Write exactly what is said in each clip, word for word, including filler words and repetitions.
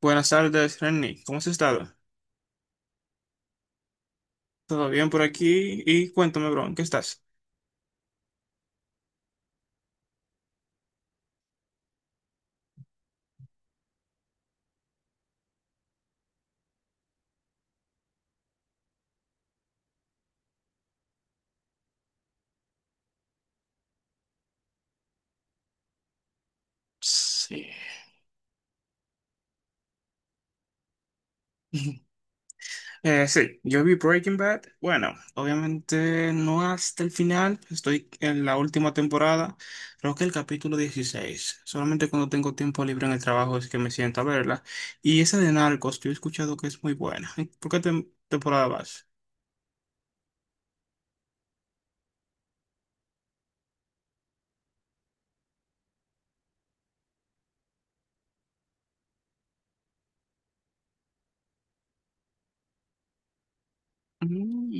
Buenas tardes, Renny. ¿Cómo has estado? ¿Todo bien por aquí? Y cuéntame, bro, ¿en qué estás? Sí. Eh, sí, yo vi Breaking Bad. Bueno, obviamente no hasta el final. Estoy en la última temporada. Creo que el capítulo dieciséis. Solamente cuando tengo tiempo libre en el trabajo es que me siento a verla. Y esa de Narcos, yo he escuchado que es muy buena. ¿Por qué tem- temporada vas? Mm,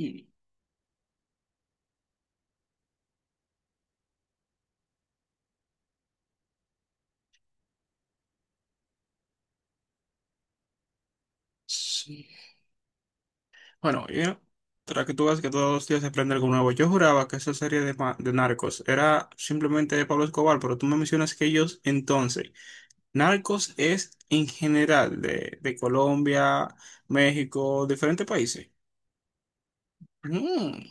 sí. Bueno, y tras que tú ves que todos los días se prende algo nuevo. Yo juraba que esa serie de, ma- de Narcos era simplemente de Pablo Escobar, pero tú me mencionas que ellos entonces. Narcos es en general de, de Colombia, México, diferentes países. Mm,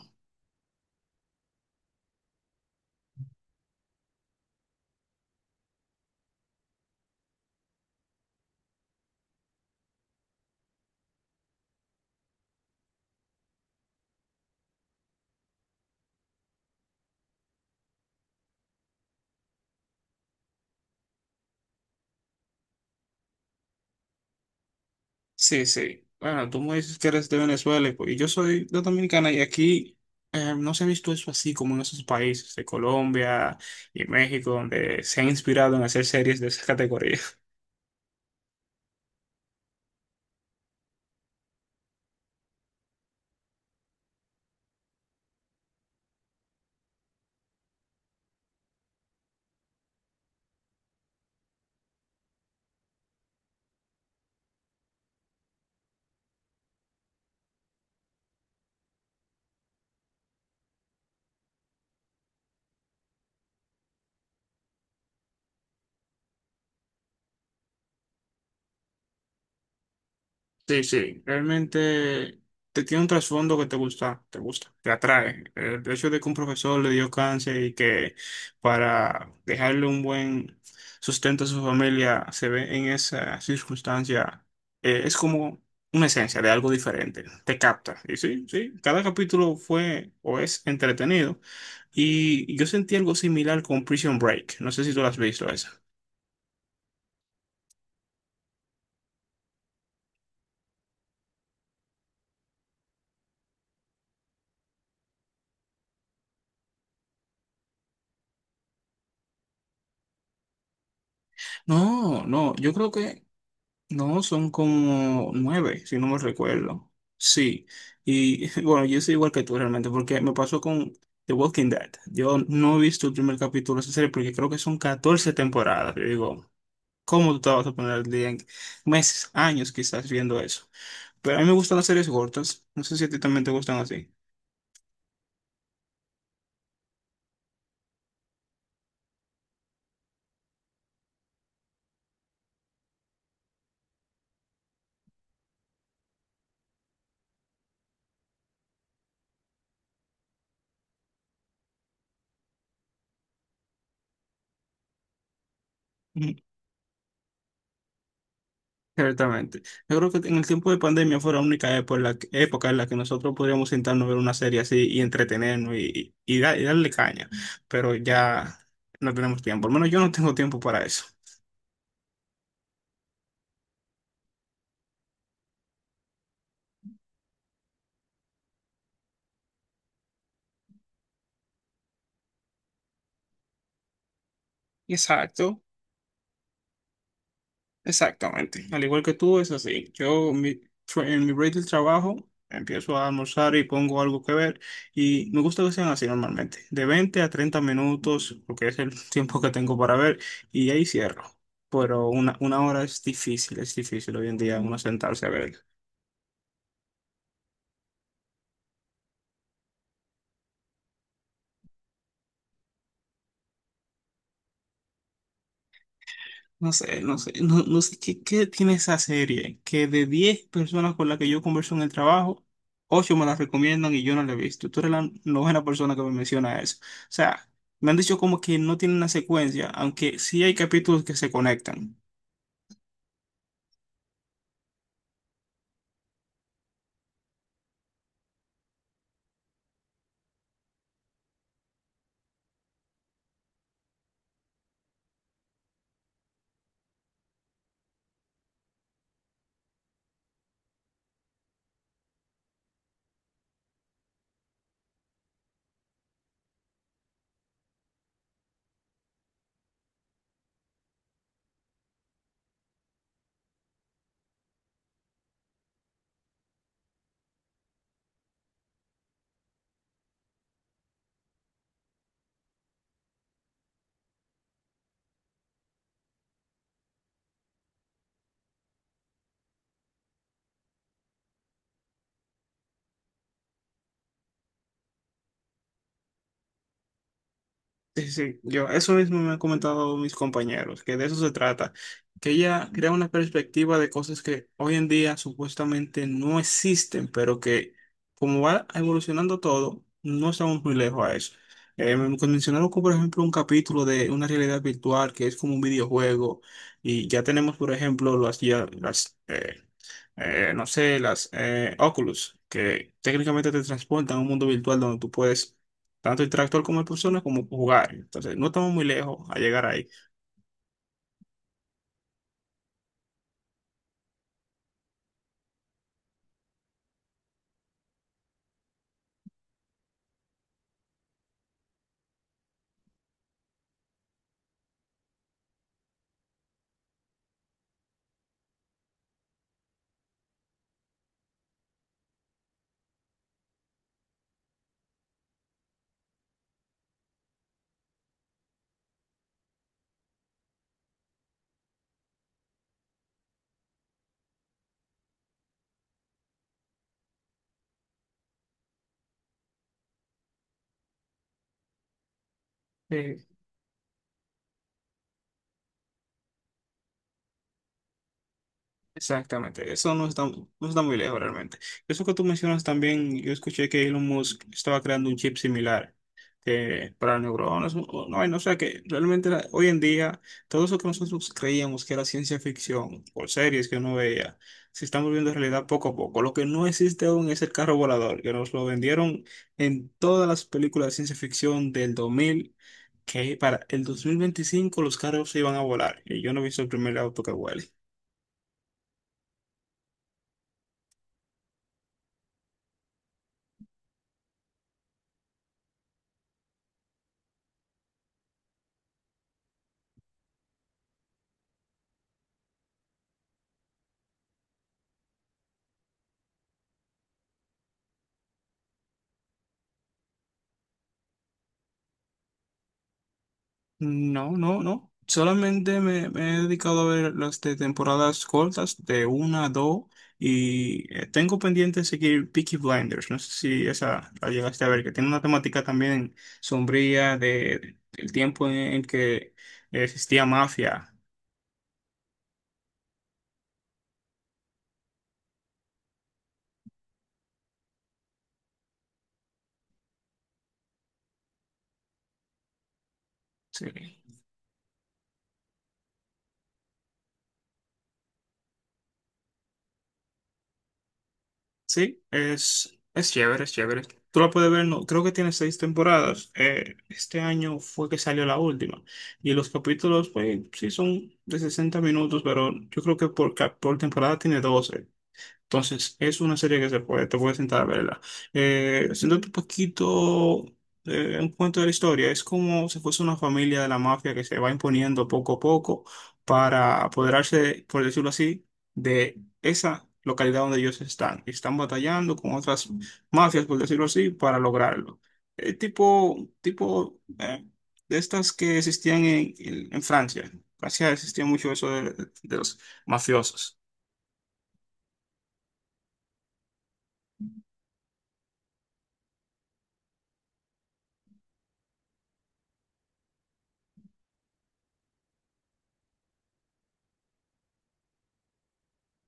sí, sí. Bueno, tú me dices que eres de Venezuela y pues, y yo soy de Dominicana y aquí eh, no se ha visto eso así como en esos países de Colombia y México, donde se ha inspirado en hacer series de esa categoría. Sí, sí, realmente te tiene un trasfondo que te gusta, te gusta, te atrae. El hecho de que un profesor le dio cáncer y que para dejarle un buen sustento a su familia se ve en esa circunstancia, eh, es como una esencia de algo diferente, te capta. Y sí, sí, cada capítulo fue o es entretenido. Y yo sentí algo similar con Prison Break, no sé si tú lo has visto esa. No, no, yo creo que no, son como nueve, si no me recuerdo. Sí. Y bueno, yo soy igual que tú realmente, porque me pasó con The Walking Dead. Yo no he visto el primer capítulo de esa serie porque creo que son catorce temporadas. Yo digo, ¿cómo tú te vas a poner al día en meses, años quizás viendo eso? Pero a mí me gustan las series cortas. No sé si a ti también te gustan así. Ciertamente. Yo creo que en el tiempo de pandemia fue la única época en la que, época en la que nosotros podríamos sentarnos a ver una serie así y entretenernos y, y, da- y darle caña, pero ya no tenemos tiempo, al menos yo no tengo tiempo para eso. Exacto. Exactamente. Al igual que tú, es así. Yo mi- tra- en mi break del trabajo empiezo a almorzar y pongo algo que ver y me gusta que sean así normalmente. De veinte a treinta minutos, porque es el tiempo que tengo para ver y ahí cierro. Pero una, una hora es difícil, es difícil hoy en día uno sentarse a ver. No sé, no sé, no, no sé qué, qué tiene esa serie, que de diez personas con las que yo converso en el trabajo, ocho me la recomiendan y yo no la he visto. Tú eres la novena persona que me menciona eso. O sea, me han dicho como que no tiene una secuencia, aunque sí hay capítulos que se conectan. Sí, sí, sí. Yo eso mismo me han comentado mis compañeros, que de eso se trata, que ella crea una perspectiva de cosas que hoy en día supuestamente no existen, pero que como va evolucionando todo, no estamos muy lejos a eso. Eh, me mencionaron, como, por ejemplo, un capítulo de una realidad virtual que es como un videojuego y ya tenemos, por ejemplo, las, ya- las, eh, eh, no sé, las eh, Oculus, que técnicamente te transportan a un mundo virtual donde tú puedes tanto interactuar con las personas como jugar. Entonces, no estamos muy lejos a llegar ahí. Sí. Exactamente, eso no está, no está muy lejos realmente. Eso que tú mencionas también, yo escuché que Elon Musk estaba creando un chip similar que para neuronas, o- o no, no, o sea que realmente la- hoy en día todo eso que nosotros creíamos que era ciencia ficción o series que uno veía, se están volviendo realidad poco a poco. Lo que no existe aún es el carro volador, que nos lo vendieron en todas las películas de ciencia ficción del dos mil, que para el dos mil veinticinco los carros se iban a volar y yo no he visto el primer auto que vuela. No, no, no. Solamente me, me he dedicado a ver las de temporadas cortas, de una a dos, y eh, tengo pendiente seguir Peaky Blinders. No sé si esa la llegaste a ver, que tiene una temática también sombría de, del tiempo en, el que existía mafia. Sí. Sí, es, es chévere, es chévere. Tú la puedes ver, no, creo que tiene seis temporadas. Eh, este año fue que salió la última. Y los capítulos, pues, sí son de sesenta minutos, pero yo creo que por, cap- por temporada tiene doce. Entonces, es una serie que se puede, te puedes sentar a verla. Eh, siéntate un poquito eh, un cuento de la historia, es como si fuese una familia de la mafia que se va imponiendo poco a poco para apoderarse, por decirlo así, de esa localidad donde ellos están. Y están batallando con otras mafias, por decirlo así, para lograrlo. Eh, tipo, tipo eh, de estas que existían en, en, en Francia. Francia existía mucho eso de de los mafiosos.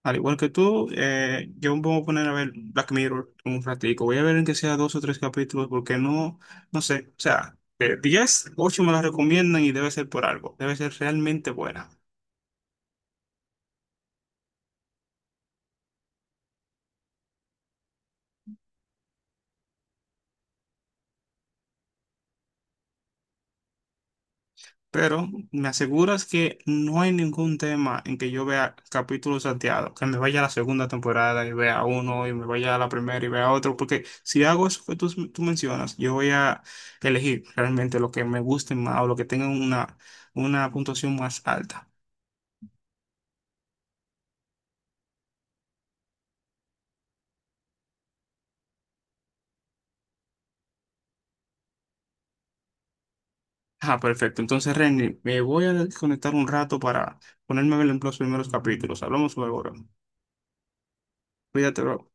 Al igual que tú, eh, yo me voy a poner a ver Black Mirror un ratico. Voy a ver en que sea dos o tres capítulos porque no, no sé. O sea, de diez, ocho me la recomiendan y debe ser por algo. Debe ser realmente buena. Pero me aseguras que no hay ningún tema en que yo vea capítulos salteados, que me vaya a la segunda temporada y vea uno y me vaya a la primera y vea otro. Porque si hago eso que tú, tú mencionas, yo voy a elegir realmente lo que me guste más o lo que tenga una, una puntuación más alta. Ah, perfecto. Entonces, Renny, me voy a desconectar un rato para ponerme a ver los primeros capítulos. Hablamos luego, bro. Cuídate, bro.